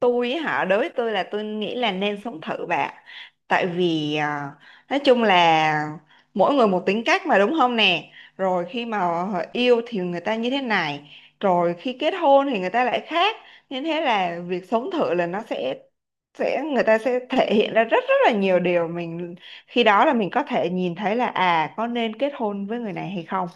Tôi ấy hả? Đối với tôi, là tôi nghĩ là nên sống thử bạn. Tại vì nói chung là mỗi người một tính cách mà, đúng không nè? Rồi khi mà họ yêu thì người ta như thế này, rồi khi kết hôn thì người ta lại khác, nên thế là việc sống thử là nó sẽ người ta sẽ thể hiện ra rất rất là nhiều điều mình. Khi đó là mình có thể nhìn thấy là có nên kết hôn với người này hay không.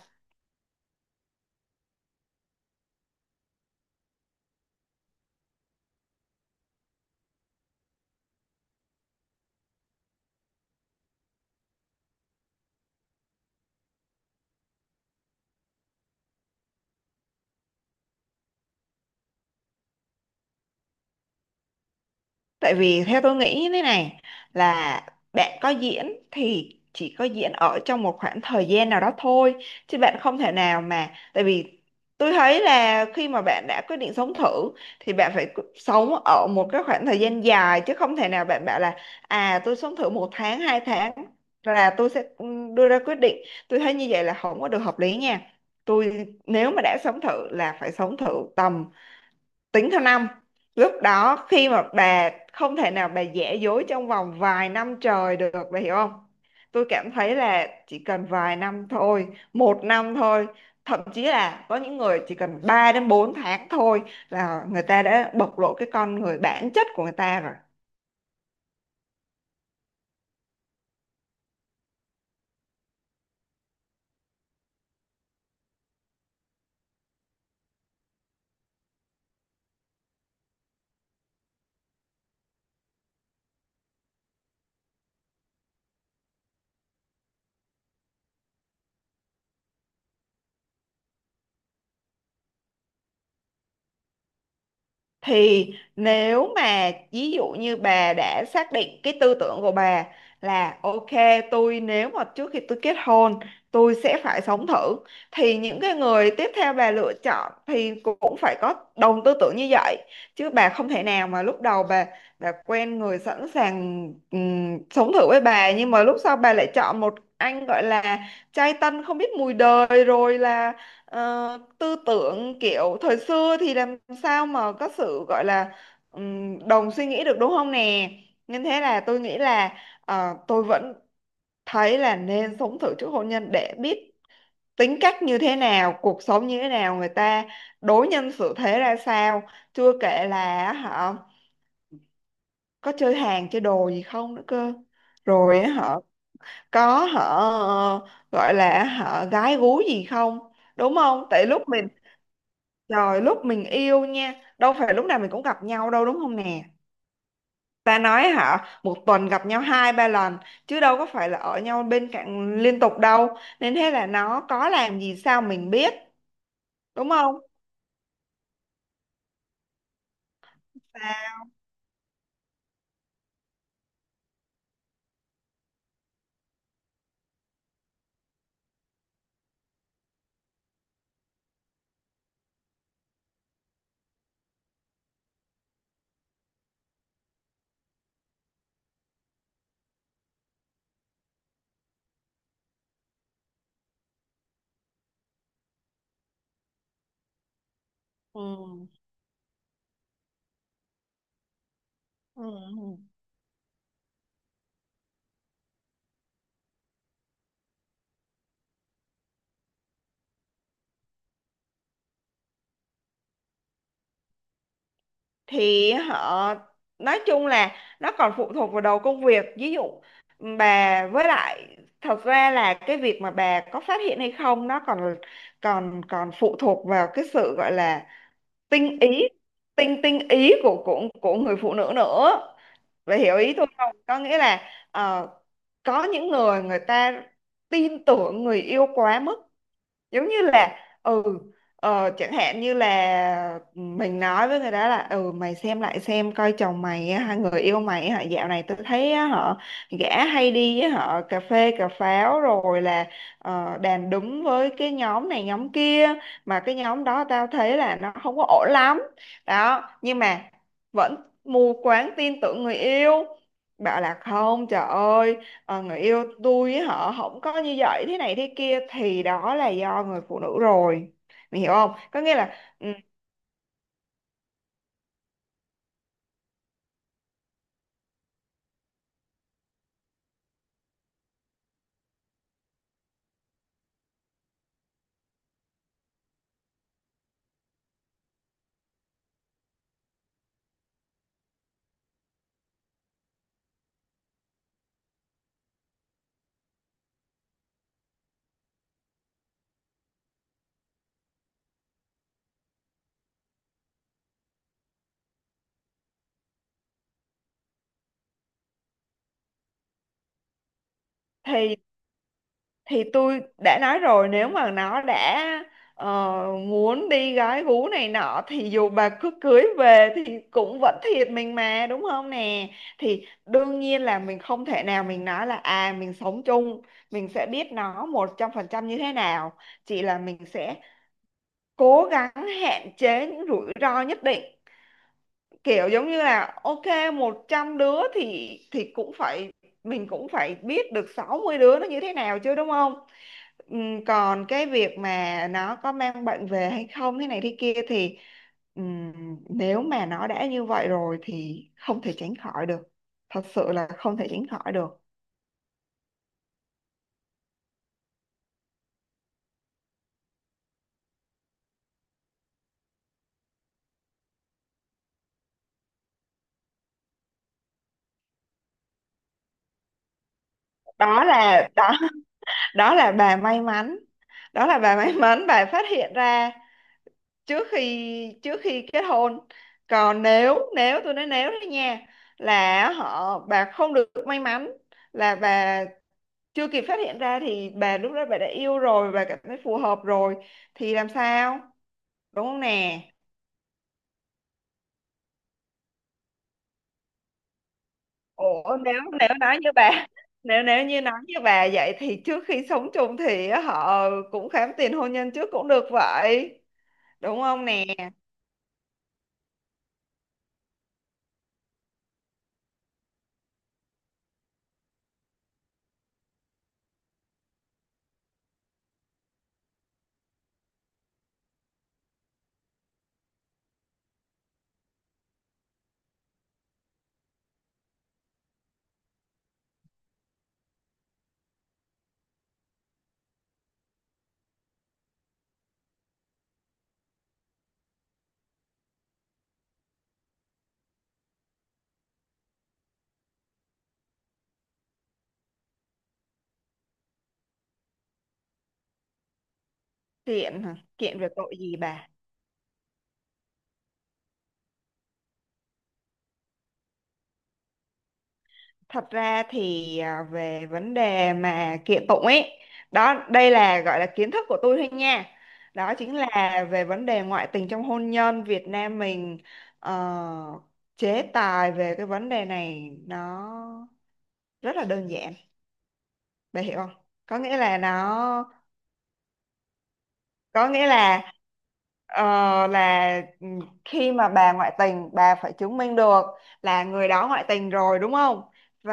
Tại vì theo tôi nghĩ như thế này, là bạn có diễn thì chỉ có diễn ở trong một khoảng thời gian nào đó thôi, chứ bạn không thể nào mà. Tại vì tôi thấy là khi mà bạn đã quyết định sống thử thì bạn phải sống ở một cái khoảng thời gian dài, chứ không thể nào bạn bảo là tôi sống thử một tháng 2 tháng là tôi sẽ đưa ra quyết định. Tôi thấy như vậy là không có được hợp lý nha. Tôi nếu mà đã sống thử là phải sống thử tầm, tính theo năm. Lúc đó khi mà bà không thể nào bà giả dối trong vòng vài năm trời được, bà hiểu không? Tôi cảm thấy là chỉ cần vài năm thôi, một năm thôi, thậm chí là có những người chỉ cần 3 đến 4 tháng thôi là người ta đã bộc lộ cái con người bản chất của người ta rồi. Thì nếu mà ví dụ như bà đã xác định cái tư tưởng của bà là ok, tôi nếu mà trước khi tôi kết hôn tôi sẽ phải sống thử, thì những cái người tiếp theo bà lựa chọn thì cũng phải có đồng tư tưởng như vậy. Chứ bà không thể nào mà lúc đầu bà quen người sẵn sàng sống thử với bà, nhưng mà lúc sau bà lại chọn một anh gọi là trai tân không biết mùi đời, rồi là tư tưởng kiểu thời xưa, thì làm sao mà có sự gọi là đồng suy nghĩ được, đúng không nè? Nên thế là tôi nghĩ là tôi vẫn thấy là nên sống thử trước hôn nhân để biết tính cách như thế nào, cuộc sống như thế nào, người ta đối nhân xử thế ra sao. Chưa kể là họ có chơi hàng chơi đồ gì không nữa cơ, rồi họ có họ gọi là họ gái gú gì không, đúng không? Tại lúc mình Trời, lúc mình yêu nha, đâu phải lúc nào mình cũng gặp nhau đâu, đúng không nè? Ta nói hả? Một tuần gặp nhau hai ba lần, chứ đâu có phải là ở nhau bên cạnh liên tục đâu. Nên thế là nó có làm gì sao mình biết? Đúng không? Và- ừ. Ừ. Thì nói chung là nó còn phụ thuộc vào đầu công việc. Ví dụ bà, với lại thật ra là cái việc mà bà có phát hiện hay không, nó còn còn còn phụ thuộc vào cái sự gọi là tinh ý tinh ý của người phụ nữ nữa. Vậy hiểu ý tôi không? Có nghĩa là ờ, có những người người ta tin tưởng người yêu quá mức. Giống như là ừ chẳng hạn như là mình nói với người đó là ừ, mày xem lại xem coi chồng mày á, người yêu mày á, dạo này tôi thấy á, họ gã hay đi với họ cà phê cà pháo, rồi là đàn đúng với cái nhóm này nhóm kia, mà cái nhóm đó tao thấy là nó không có ổn lắm đó. Nhưng mà vẫn mù quáng tin tưởng người yêu, bảo là không, trời ơi, người yêu tôi với họ không có như vậy thế này thế kia, thì đó là do người phụ nữ rồi. Mình hiểu không? Có nghĩa là thì thì tôi đã nói rồi, nếu mà nó đã ờ, muốn đi gái gú này nọ thì dù bà cứ cưới về thì cũng vẫn thiệt mình mà, đúng không nè? Thì đương nhiên là mình không thể nào mình nói là mình sống chung mình sẽ biết nó 100% như thế nào. Chỉ là mình sẽ cố gắng hạn chế những rủi ro nhất định, kiểu giống như là ok, 100 đứa thì cũng phải, mình cũng phải biết được 60 đứa nó như thế nào chứ, đúng không? Còn cái việc mà nó có mang bệnh về hay không thế này thế kia thì ừm, nếu mà nó đã như vậy rồi thì không thể tránh khỏi được. Thật sự là không thể tránh khỏi được. Đó là đó Đó là bà may mắn. Đó là bà may mắn bà phát hiện ra trước khi, trước khi kết hôn. Còn nếu nếu tôi nói nếu đấy nha, là bà không được may mắn, là bà chưa kịp phát hiện ra thì bà lúc đó bà đã yêu rồi, bà cảm thấy phù hợp rồi thì làm sao, đúng không nè? Ủa nếu nếu nói như bà nếu nếu như nói như bà vậy thì trước khi sống chung thì họ cũng khám tiền hôn nhân trước cũng được vậy, đúng không nè? Kiện hả? Kiện về tội gì bà? Thật ra thì về vấn đề mà kiện tụng ấy, đây là gọi là kiến thức của tôi thôi nha. Đó chính là về vấn đề ngoại tình trong hôn nhân Việt Nam mình, ờ, chế tài về cái vấn đề này nó rất là đơn giản, bà hiểu không? Có nghĩa là nó có nghĩa là ờ, là khi mà bà ngoại tình bà phải chứng minh được là người đó ngoại tình rồi, đúng không? Và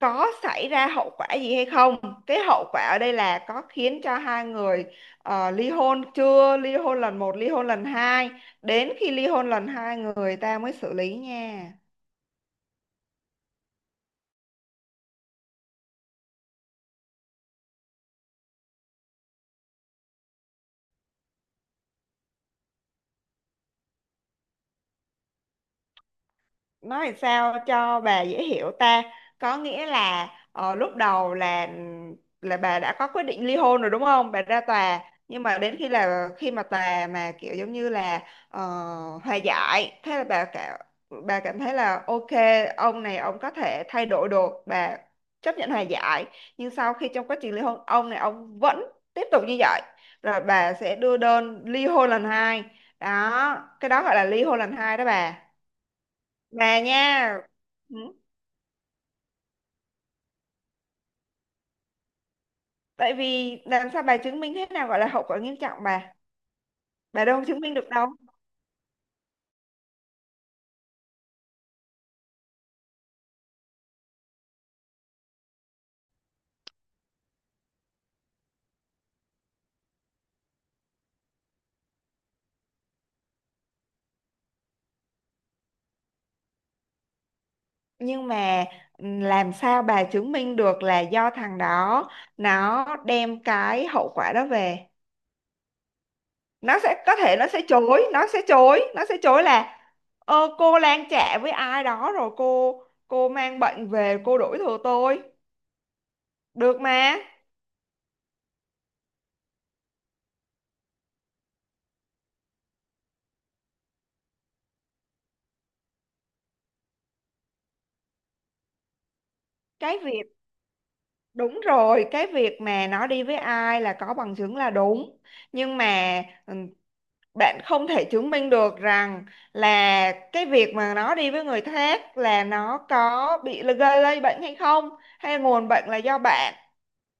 có xảy ra hậu quả gì hay không. Cái hậu quả ở đây là có khiến cho hai người ly hôn chưa, ly hôn lần một, ly hôn lần hai, đến khi ly hôn lần hai người ta mới xử lý nha. Nói sao cho bà dễ hiểu ta, có nghĩa là lúc đầu là bà đã có quyết định ly hôn rồi, đúng không, bà ra tòa. Nhưng mà đến khi là khi mà tòa mà kiểu giống như là ờ, hòa giải, thế là bà cảm thấy là ok, ông này ông có thể thay đổi được, bà chấp nhận hòa giải. Nhưng sau khi trong quá trình ly hôn ông này ông vẫn tiếp tục như vậy, rồi bà sẽ đưa đơn ly hôn lần hai. Đó, cái đó gọi là ly hôn lần hai đó bà, mà nha. Ừ. Tại vì làm sao bà chứng minh thế nào gọi là hậu quả nghiêm trọng bà? Bà đâu chứng minh được đâu. Nhưng mà làm sao bà chứng minh được là do thằng đó nó đem cái hậu quả đó về? Nó sẽ có thể nó sẽ chối là cô lang chạ với ai đó rồi cô mang bệnh về, cô đuổi thừa tôi. Được mà. Cái việc Đúng rồi, cái việc mà nó đi với ai là có bằng chứng là đúng. Nhưng mà ừ, bạn không thể chứng minh được rằng là cái việc mà nó đi với người khác là nó có bị gây lây bệnh hay không, hay nguồn bệnh là do bạn.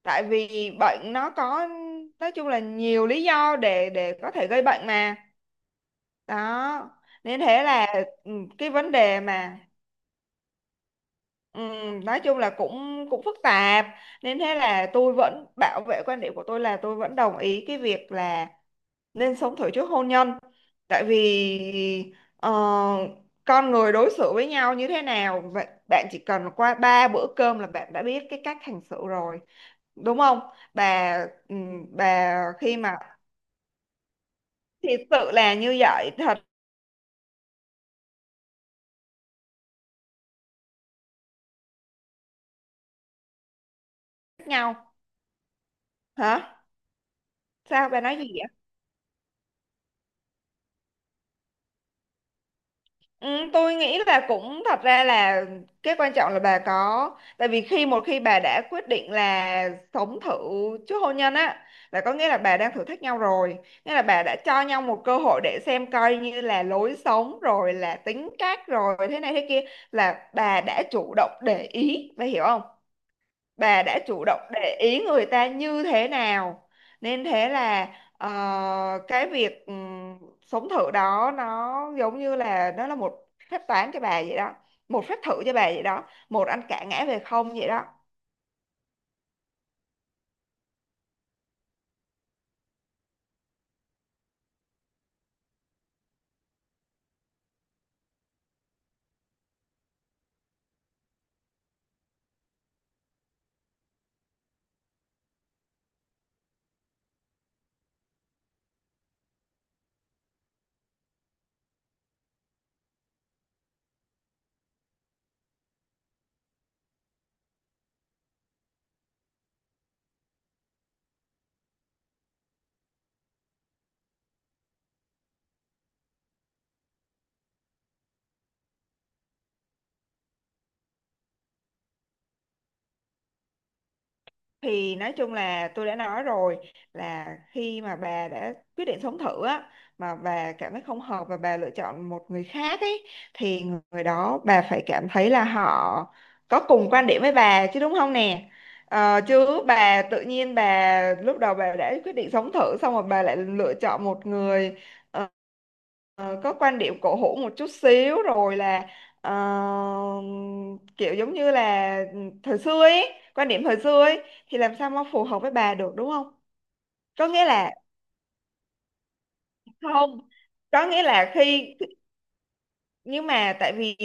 Tại vì bệnh nó có, nói chung là nhiều lý do để có thể gây bệnh mà. Đó. Nên thế là ừ, cái vấn đề mà Ừ, nói chung là cũng cũng phức tạp. Nên thế là tôi vẫn bảo vệ quan điểm của tôi là tôi vẫn đồng ý cái việc là nên sống thử trước hôn nhân. Tại vì con người đối xử với nhau như thế nào, vậy bạn chỉ cần qua ba bữa cơm là bạn đã biết cái cách hành xử rồi, đúng không bà? Bà khi mà thì sự là như vậy thật, khác nhau. Hả? Sao bà nói gì? Ừ, tôi nghĩ là cũng thật ra là cái quan trọng là bà có tại vì một khi bà đã quyết định là sống thử trước hôn nhân á, là có nghĩa là bà đang thử thách nhau rồi. Nghĩa là bà đã cho nhau một cơ hội để xem coi như là lối sống rồi là tính cách rồi thế này thế kia, là bà đã chủ động để ý, bà hiểu không? Bà đã chủ động để ý người ta như thế nào. Nên thế là ờ, cái việc sống thử đó nó giống như là nó là một phép toán cho bà vậy đó, một phép thử cho bà vậy đó, một ăn cả ngã về không vậy đó. Thì nói chung là tôi đã nói rồi là khi mà bà đã quyết định sống thử á, mà bà cảm thấy không hợp và bà lựa chọn một người khác ấy, thì người đó bà phải cảm thấy là họ có cùng quan điểm với bà chứ, đúng không nè? Ờ, chứ bà tự nhiên bà lúc đầu bà đã quyết định sống thử xong rồi bà lại lựa chọn một người ờ, có quan điểm cổ hủ một chút xíu, rồi là ờ, kiểu giống như là thời xưa ấy, quan điểm thời xưa ấy thì làm sao mà phù hợp với bà được, đúng không? Có nghĩa là không, có nghĩa là khi nhưng mà tại vì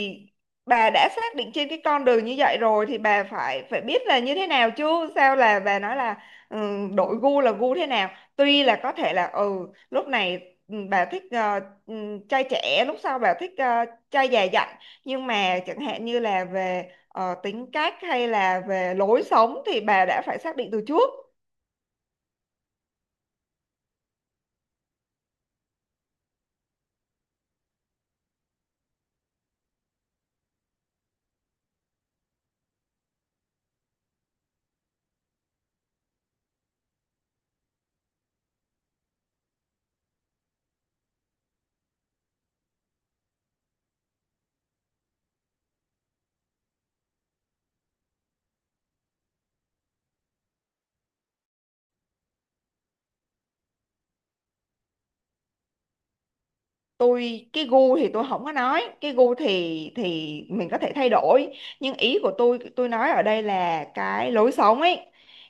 bà đã xác định trên cái con đường như vậy rồi thì bà phải phải biết là như thế nào chứ, sao là bà nói là ừ, đổi gu là gu thế nào? Tuy là có thể là lúc này bà thích trai trẻ, lúc sau bà thích trai già dặn. Nhưng mà chẳng hạn như là về tính cách hay là về lối sống thì bà đã phải xác định từ trước. Tôi cái gu thì tôi không có nói, cái gu thì mình có thể thay đổi. Nhưng ý của tôi nói ở đây là cái lối sống ấy,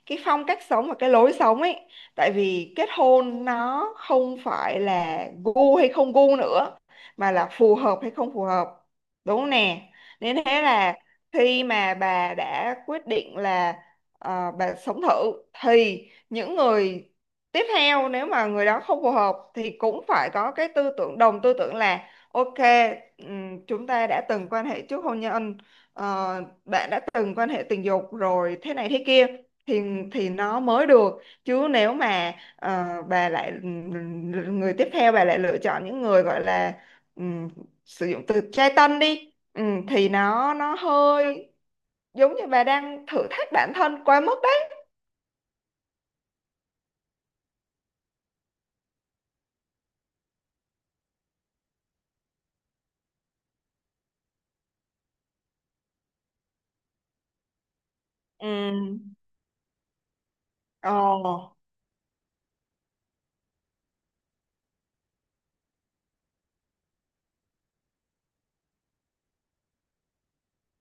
cái phong cách sống và cái lối sống ấy. Tại vì kết hôn nó không phải là gu hay không gu nữa, mà là phù hợp hay không phù hợp, đúng không nè? Nên thế là khi mà bà đã quyết định là bà sống thử thì những người tiếp theo nếu mà người đó không phù hợp thì cũng phải có cái tư tưởng đồng tư tưởng là ok, chúng ta đã từng quan hệ trước hôn nhân, ờ, bạn đã từng quan hệ tình dục rồi thế này thế kia thì nó mới được. Chứ nếu mà bà lại người tiếp theo bà lại lựa chọn những người gọi là ừm, sử dụng từ trai tân đi, thì nó hơi giống như bà đang thử thách bản thân quá mức đấy. Ừm. Ồ.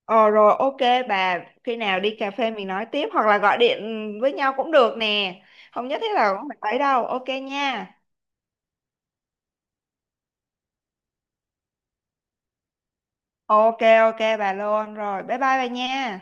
Ờ rồi, ok bà, khi nào đi cà phê mình nói tiếp hoặc là gọi điện với nhau cũng được nè. Không nhất thiết là cũng phải tới đâu. Ok nha. Ok ok, bà luôn rồi. Bye bye bà nha.